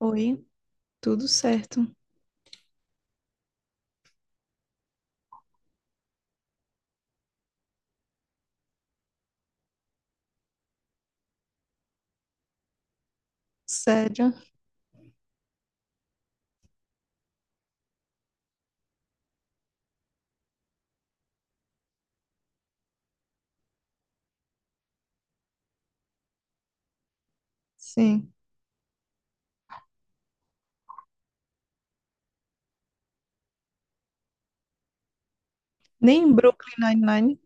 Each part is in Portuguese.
Oi, tudo certo. Sério, sim. Nem Brooklyn Nine-Nine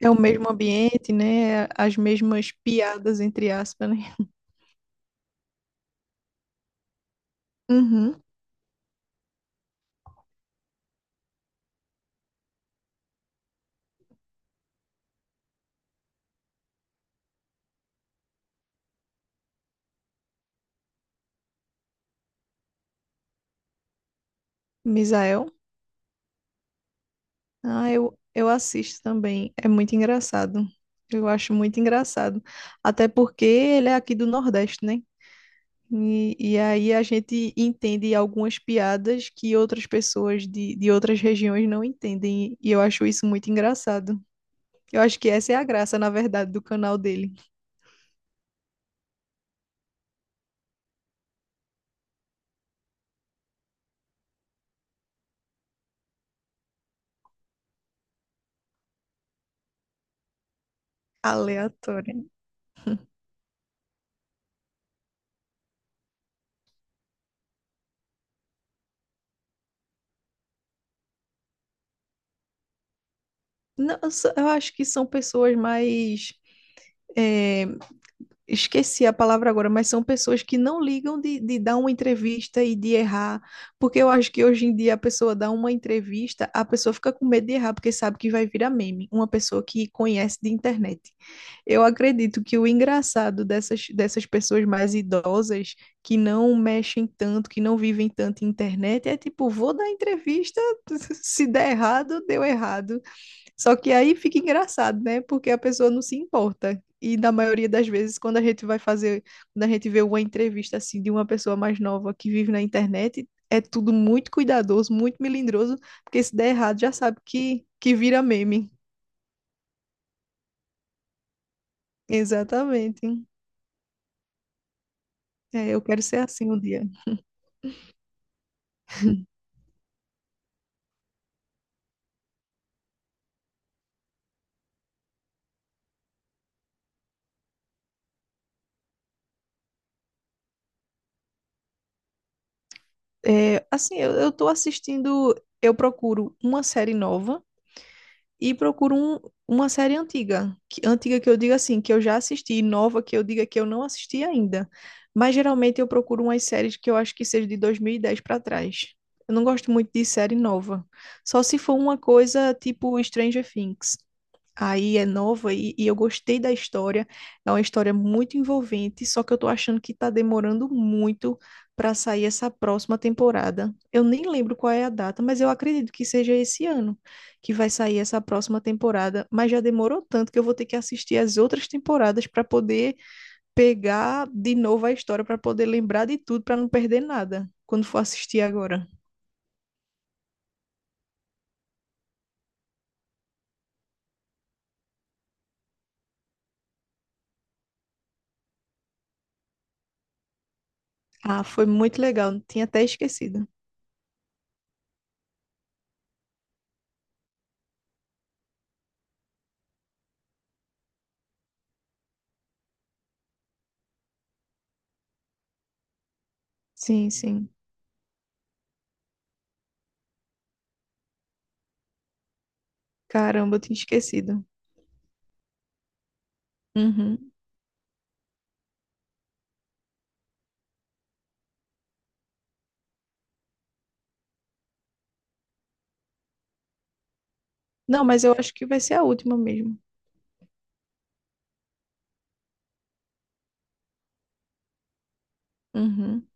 é o mesmo ambiente, né? As mesmas piadas, entre aspas, né? Uhum. Misael. Ah, eu assisto também. É muito engraçado. Eu acho muito engraçado. Até porque ele é aqui do Nordeste, né? E aí a gente entende algumas piadas que outras pessoas de outras regiões não entendem. E eu acho isso muito engraçado. Eu acho que essa é a graça, na verdade, do canal dele. Aleatória. Não, eu acho que são pessoas mais. é, Esqueci a palavra agora, mas são pessoas que não ligam de dar uma entrevista e de errar. Porque eu acho que hoje em dia a pessoa dá uma entrevista, a pessoa fica com medo de errar, porque sabe que vai virar meme. Uma pessoa que conhece de internet. Eu acredito que o engraçado dessas pessoas mais idosas, que não mexem tanto, que não vivem tanto em internet, é tipo, vou dar entrevista, se der errado, deu errado. Só que aí fica engraçado, né? Porque a pessoa não se importa. E na maioria das vezes, quando a gente vai fazer, quando a gente vê uma entrevista assim de uma pessoa mais nova que vive na internet, é tudo muito cuidadoso, muito melindroso, porque se der errado já sabe que vira meme. Exatamente. É, eu quero ser assim um dia. É, assim, eu tô assistindo, eu procuro uma série nova e procuro uma série antiga. Que, antiga que eu digo assim, que eu já assisti, e nova que eu diga que eu não assisti ainda. Mas geralmente eu procuro umas séries que eu acho que seja de 2010 para trás. Eu não gosto muito de série nova. Só se for uma coisa tipo Stranger Things. Aí é nova e eu gostei da história. É uma história muito envolvente, só que eu tô achando que tá demorando muito para sair essa próxima temporada. Eu nem lembro qual é a data, mas eu acredito que seja esse ano que vai sair essa próxima temporada. Mas já demorou tanto que eu vou ter que assistir as outras temporadas para poder pegar de novo a história, para poder lembrar de tudo, para não perder nada quando for assistir agora. Ah, foi muito legal. Tinha até esquecido. Sim, sim. Caramba, eu tinha esquecido. Uhum. Não, mas eu acho que vai ser a última mesmo. Uhum.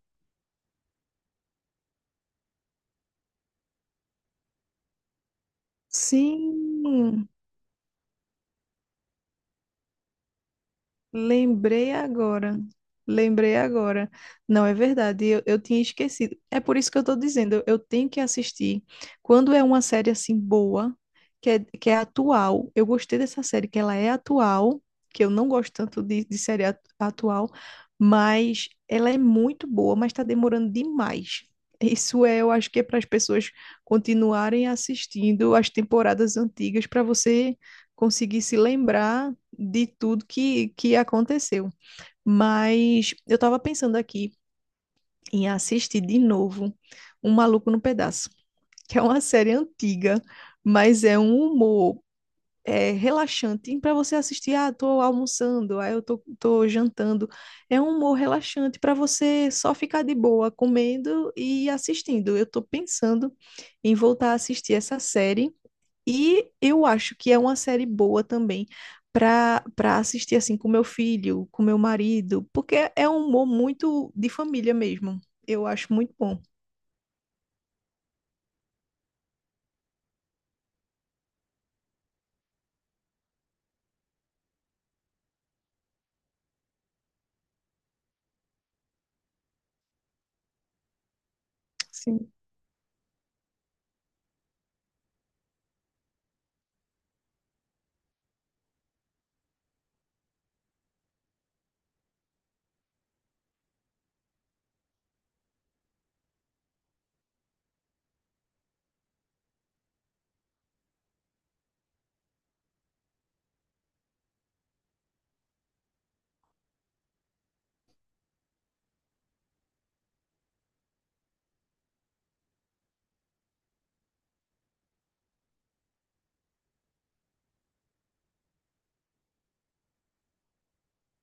Sim. Lembrei agora. Lembrei agora. Não é verdade, eu tinha esquecido. É por isso que eu estou dizendo, eu tenho que assistir. Quando é uma série assim boa, que é atual, eu gostei dessa série, que ela é atual, que eu não gosto tanto de série atual, mas ela é muito boa, mas está demorando demais. Isso é, eu acho que é para as pessoas continuarem assistindo as temporadas antigas para você consegui se lembrar de tudo que aconteceu. Mas eu estava pensando aqui em assistir de novo Um Maluco no Pedaço, que é uma série antiga, mas é um humor relaxante para você assistir. Ah, tô almoçando, ah, tô jantando. É um humor relaxante para você só ficar de boa comendo e assistindo. Eu tô pensando em voltar a assistir essa série e eu acho que é uma série boa também para assistir assim com meu filho, com meu marido, porque é um humor muito de família mesmo. Eu acho muito bom. Sim,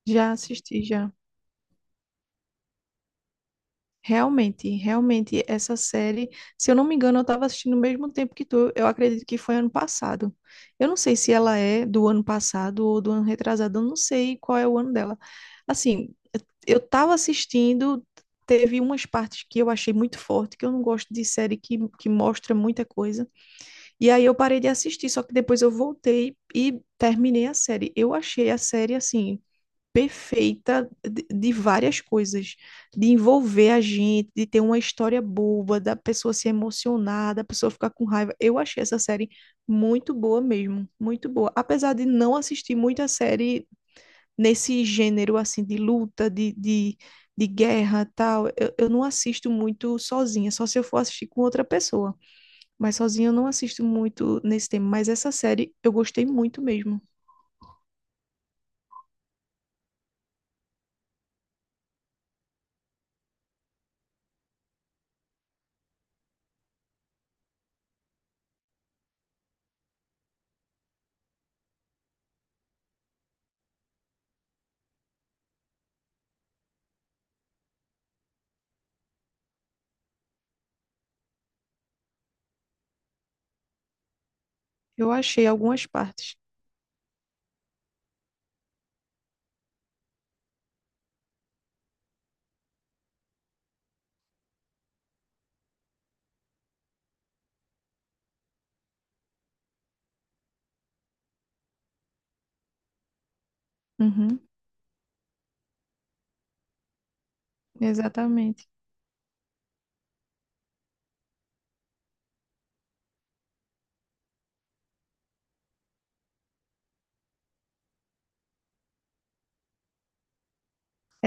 já assisti já. Realmente, realmente essa série, se eu não me engano, eu estava assistindo no mesmo tempo que tu. Eu acredito que foi ano passado. Eu não sei se ela é do ano passado ou do ano retrasado, eu não sei qual é o ano dela. Assim, eu tava assistindo, teve umas partes que eu achei muito forte, que eu não gosto de série que mostra muita coisa. E aí eu parei de assistir, só que depois eu voltei e terminei a série. Eu achei a série assim. Perfeita de várias coisas, de envolver a gente, de ter uma história boa, da pessoa se emocionar, da pessoa ficar com raiva. Eu achei essa série muito boa mesmo, muito boa. Apesar de não assistir muita série nesse gênero assim de luta, de guerra, tal, eu não assisto muito sozinha, só se eu for assistir com outra pessoa. Mas sozinha eu não assisto muito nesse tema, mas essa série eu gostei muito mesmo. Eu achei algumas partes. Uhum, exatamente.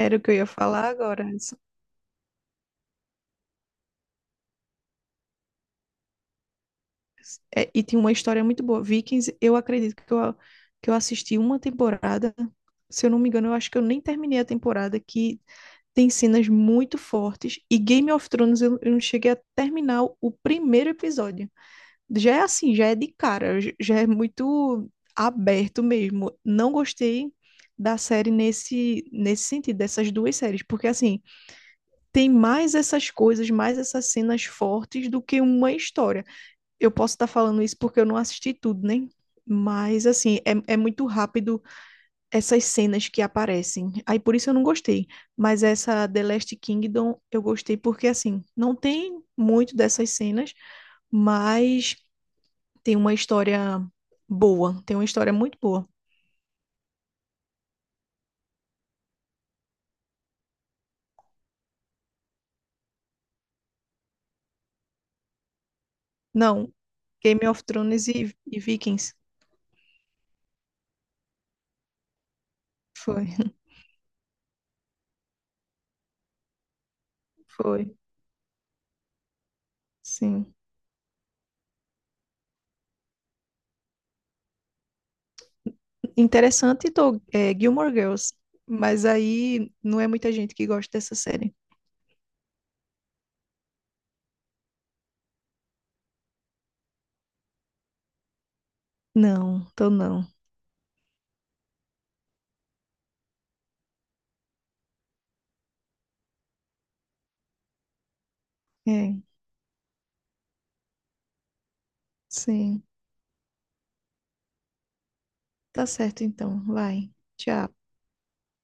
Era o que eu ia falar agora. É, e tinha uma história muito boa. Vikings, eu acredito que eu assisti uma temporada. Se eu não me engano, eu acho que eu nem terminei a temporada, que tem cenas muito fortes. E Game of Thrones, eu não cheguei a terminar o primeiro episódio. Já é assim, já é de cara, já é muito aberto mesmo. Não gostei da série nesse sentido, dessas duas séries, porque assim, tem mais essas coisas, mais essas cenas fortes do que uma história eu posso estar falando isso porque eu não assisti tudo, né? Mas, assim, é muito rápido essas cenas que aparecem. Aí, por isso eu não gostei. Mas essa The Last Kingdom eu gostei porque, assim, não tem muito dessas cenas, mas tem uma história boa. Tem uma história muito boa. Não, Game of Thrones e Vikings. Foi, foi. Sim. Interessante, tô, é, Gilmore Girls. Mas aí não é muita gente que gosta dessa série. Não, tô não. É, sim. Tá certo então. Vai. Tchau.